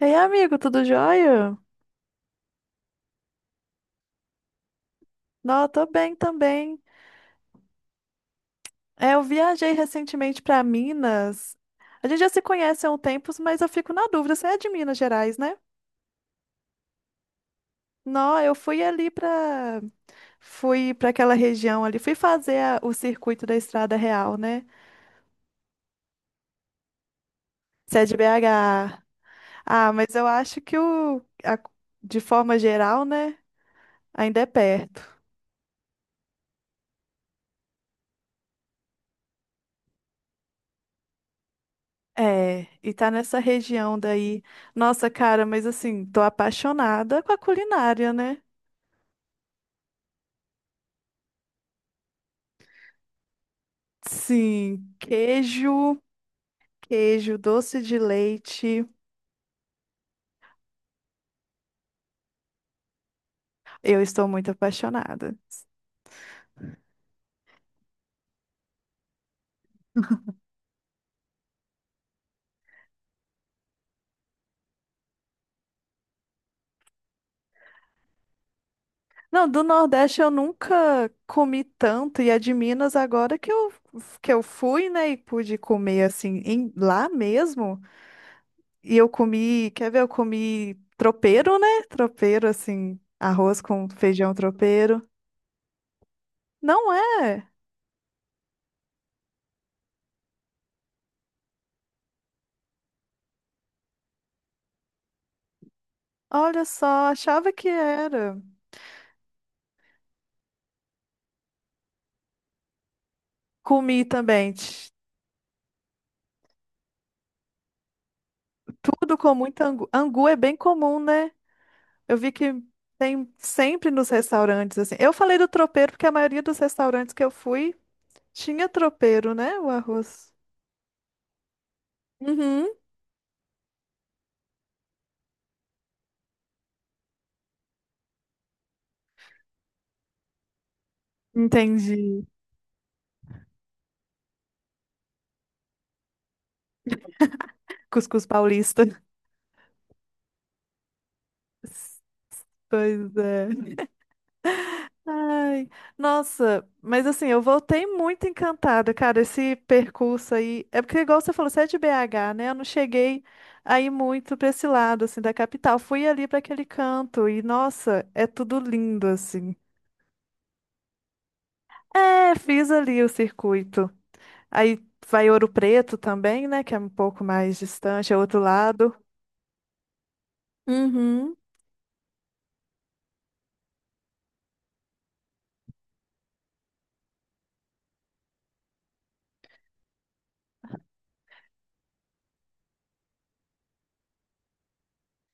Ei, amigo, tudo jóia? Não, tô bem também. É, eu viajei recentemente pra Minas. A gente já se conhece há um tempo, mas eu fico na dúvida, você é de Minas Gerais, né? Não, eu fui ali pra. Fui pra aquela região ali, fui fazer o circuito da Estrada Real, né? Você é de BH. Ah, mas eu acho que a- de forma geral, né, ainda é perto. É, e tá nessa região daí. Nossa, cara, mas assim, tô apaixonada com a culinária, né? Sim, queijo, queijo, doce de leite. Eu estou muito apaixonada. Não, do Nordeste eu nunca comi tanto, e é de Minas agora que eu fui, né, e pude comer assim, lá mesmo. E eu comi, quer ver, eu comi tropeiro, né? Tropeiro, assim, arroz com feijão tropeiro. Não é? Olha só, achava que era. Comi também. Tudo com muita angu. Angu é bem comum, né? Eu vi que tem sempre nos restaurantes, assim. Eu falei do tropeiro porque a maioria dos restaurantes que eu fui tinha tropeiro, né? O arroz. Uhum. Entendi. Cuscuz paulista. Pois é. Ai, nossa, mas assim, eu voltei muito encantada, cara, esse percurso aí. É porque, igual você falou, você é de BH, né? Eu não cheguei aí muito pra esse lado, assim, da capital. Fui ali pra aquele canto e, nossa, é tudo lindo, assim. É, fiz ali o circuito. Aí vai Ouro Preto também, né? Que é um pouco mais distante, é outro lado. Uhum.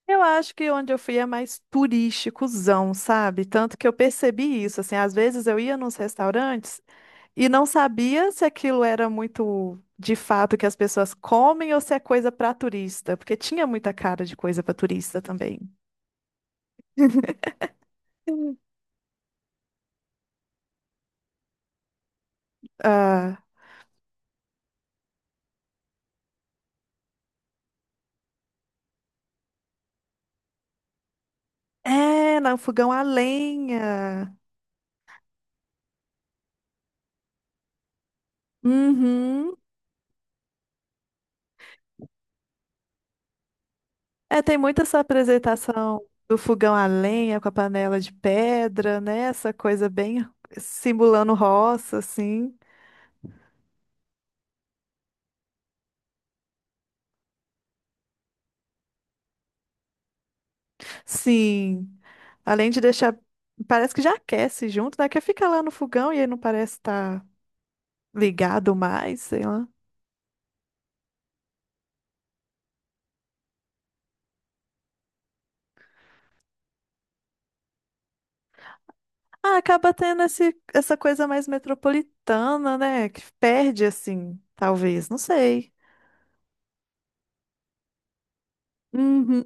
Eu acho que onde eu fui é mais turísticozão, sabe? Tanto que eu percebi isso, assim, às vezes eu ia nos restaurantes e não sabia se aquilo era muito de fato que as pessoas comem ou se é coisa para turista, porque tinha muita cara de coisa para turista também. Ah, é, não, fogão a lenha. Uhum. É, tem muito essa apresentação do fogão a lenha com a panela de pedra, né? Essa coisa bem simulando roça, assim. Sim. Além de deixar. Parece que já aquece junto, né? Que fica lá no fogão e aí não parece estar ligado mais, sei lá. Ah, acaba tendo essa coisa mais metropolitana, né? Que perde, assim, talvez, não sei. Uhum.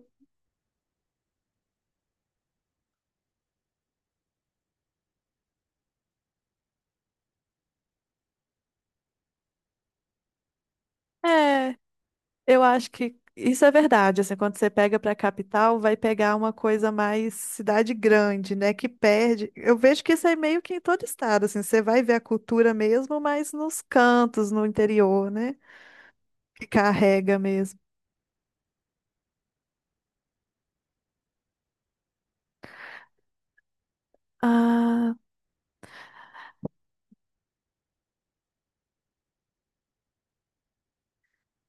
É. Eu acho que isso é verdade. Assim, quando você pega para a capital, vai pegar uma coisa mais cidade grande, né? Que perde. Eu vejo que isso é meio que em todo estado. Assim, você vai ver a cultura mesmo, mas nos cantos, no interior, né? Que carrega mesmo. Ah,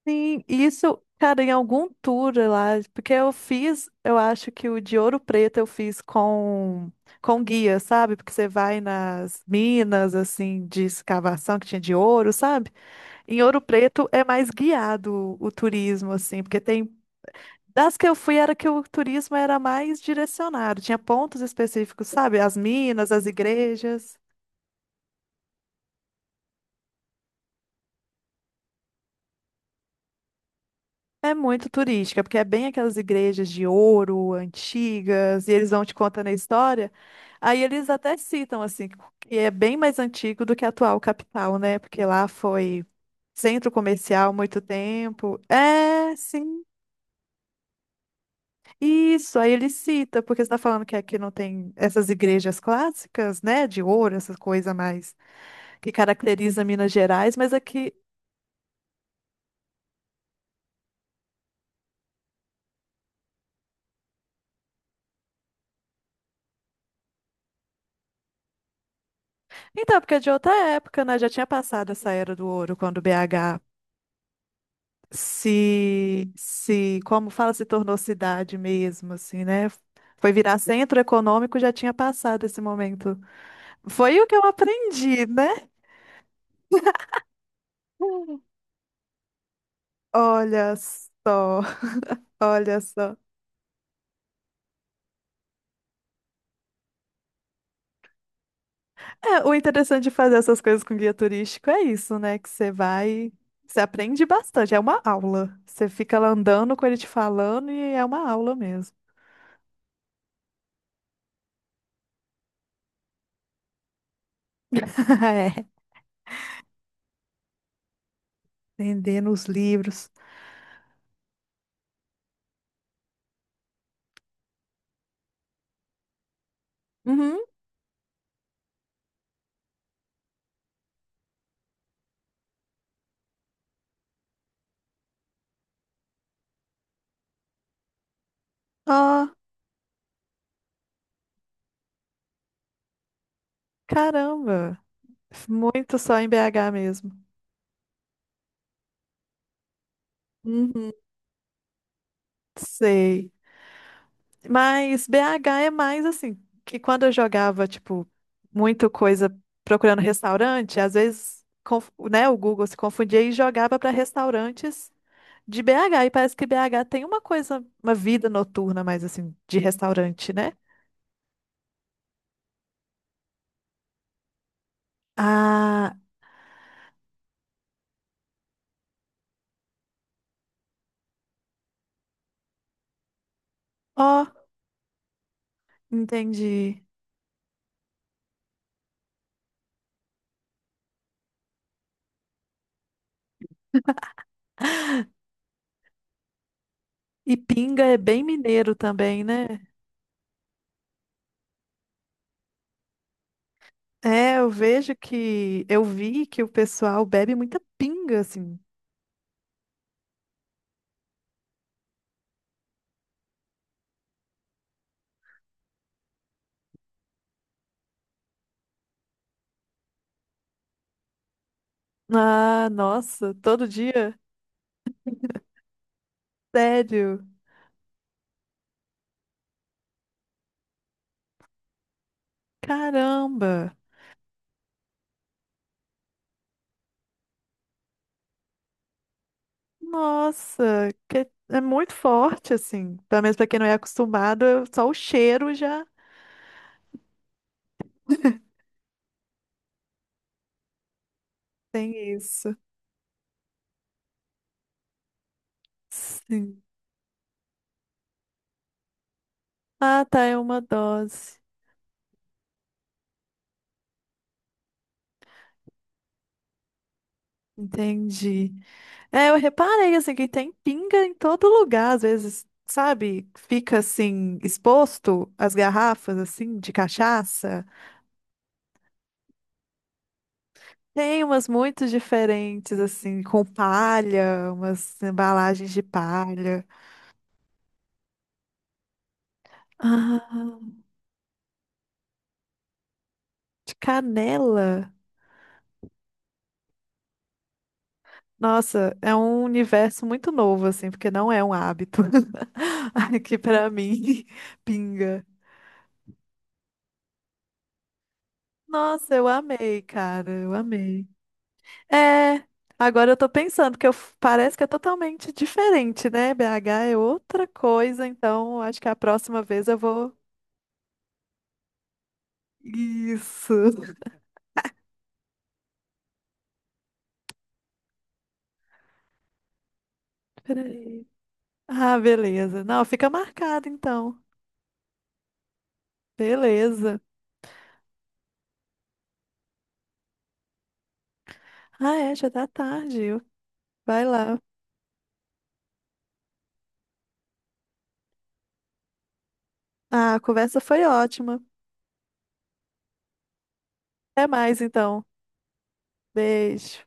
sim. Isso, cara, em algum tour lá, porque eu fiz, eu acho que o de Ouro Preto eu fiz com guia, sabe? Porque você vai nas minas assim de escavação que tinha de ouro, sabe? Em Ouro Preto é mais guiado o turismo, assim, porque tem. Das que eu fui era que o turismo era mais direcionado, tinha pontos específicos, sabe? As minas, as igrejas. É muito turística, porque é bem aquelas igrejas de ouro, antigas, e eles vão te contando a história. Aí eles até citam, assim, que é bem mais antigo do que a atual capital, né? Porque lá foi centro comercial muito tempo. É, sim. Isso, aí ele cita, porque você está falando que aqui não tem essas igrejas clássicas, né, de ouro, essas coisas mais que caracteriza Minas Gerais, mas aqui. Então, é porque é de outra época, né? Já tinha passado essa era do ouro, quando BH se, se, como fala, se tornou cidade mesmo, assim, né? Foi virar centro econômico, já tinha passado esse momento. Foi o que eu aprendi, né? Olha só, olha só. É, o interessante de fazer essas coisas com guia turístico é isso, né? Que você vai, você aprende bastante, é uma aula. Você fica lá andando com ele te falando e é uma aula mesmo. É, vendendo os livros. Uhum. Ó, caramba. Muito só em BH mesmo. Uhum. Sei. Mas BH é mais assim, que quando eu jogava, tipo, muito coisa procurando restaurante, às vezes, né, o Google se confundia e jogava para restaurantes de BH, e parece que BH tem uma coisa, uma vida noturna mais assim, de restaurante, né? Ah, ó, entendi. E pinga é bem mineiro também, né? É, eu vejo eu vi que o pessoal bebe muita pinga, assim. Ah, nossa, todo dia? Sério? Caramba! Nossa, que é muito forte, assim. Pelo menos pra quem não é acostumado, só o cheiro já tem isso. Sim. Ah, tá, é uma dose. Entendi. É, eu reparei assim que tem pinga em todo lugar, às vezes, sabe? Fica assim exposto as garrafas assim de cachaça. Tem umas muito diferentes assim, com palha, umas embalagens de palha. Ah, de canela. Nossa, é um universo muito novo assim, porque não é um hábito aqui pra mim, pinga. Nossa, eu amei, cara, eu amei. É, agora eu tô pensando que eu, parece que é totalmente diferente, né? BH é outra coisa, então acho que a próxima vez eu vou. Isso. Peraí. Ah, beleza. Não, fica marcado então. Beleza. Ah, é, já tá tarde. Vai lá. Ah, a conversa foi ótima. Até mais então. Beijo.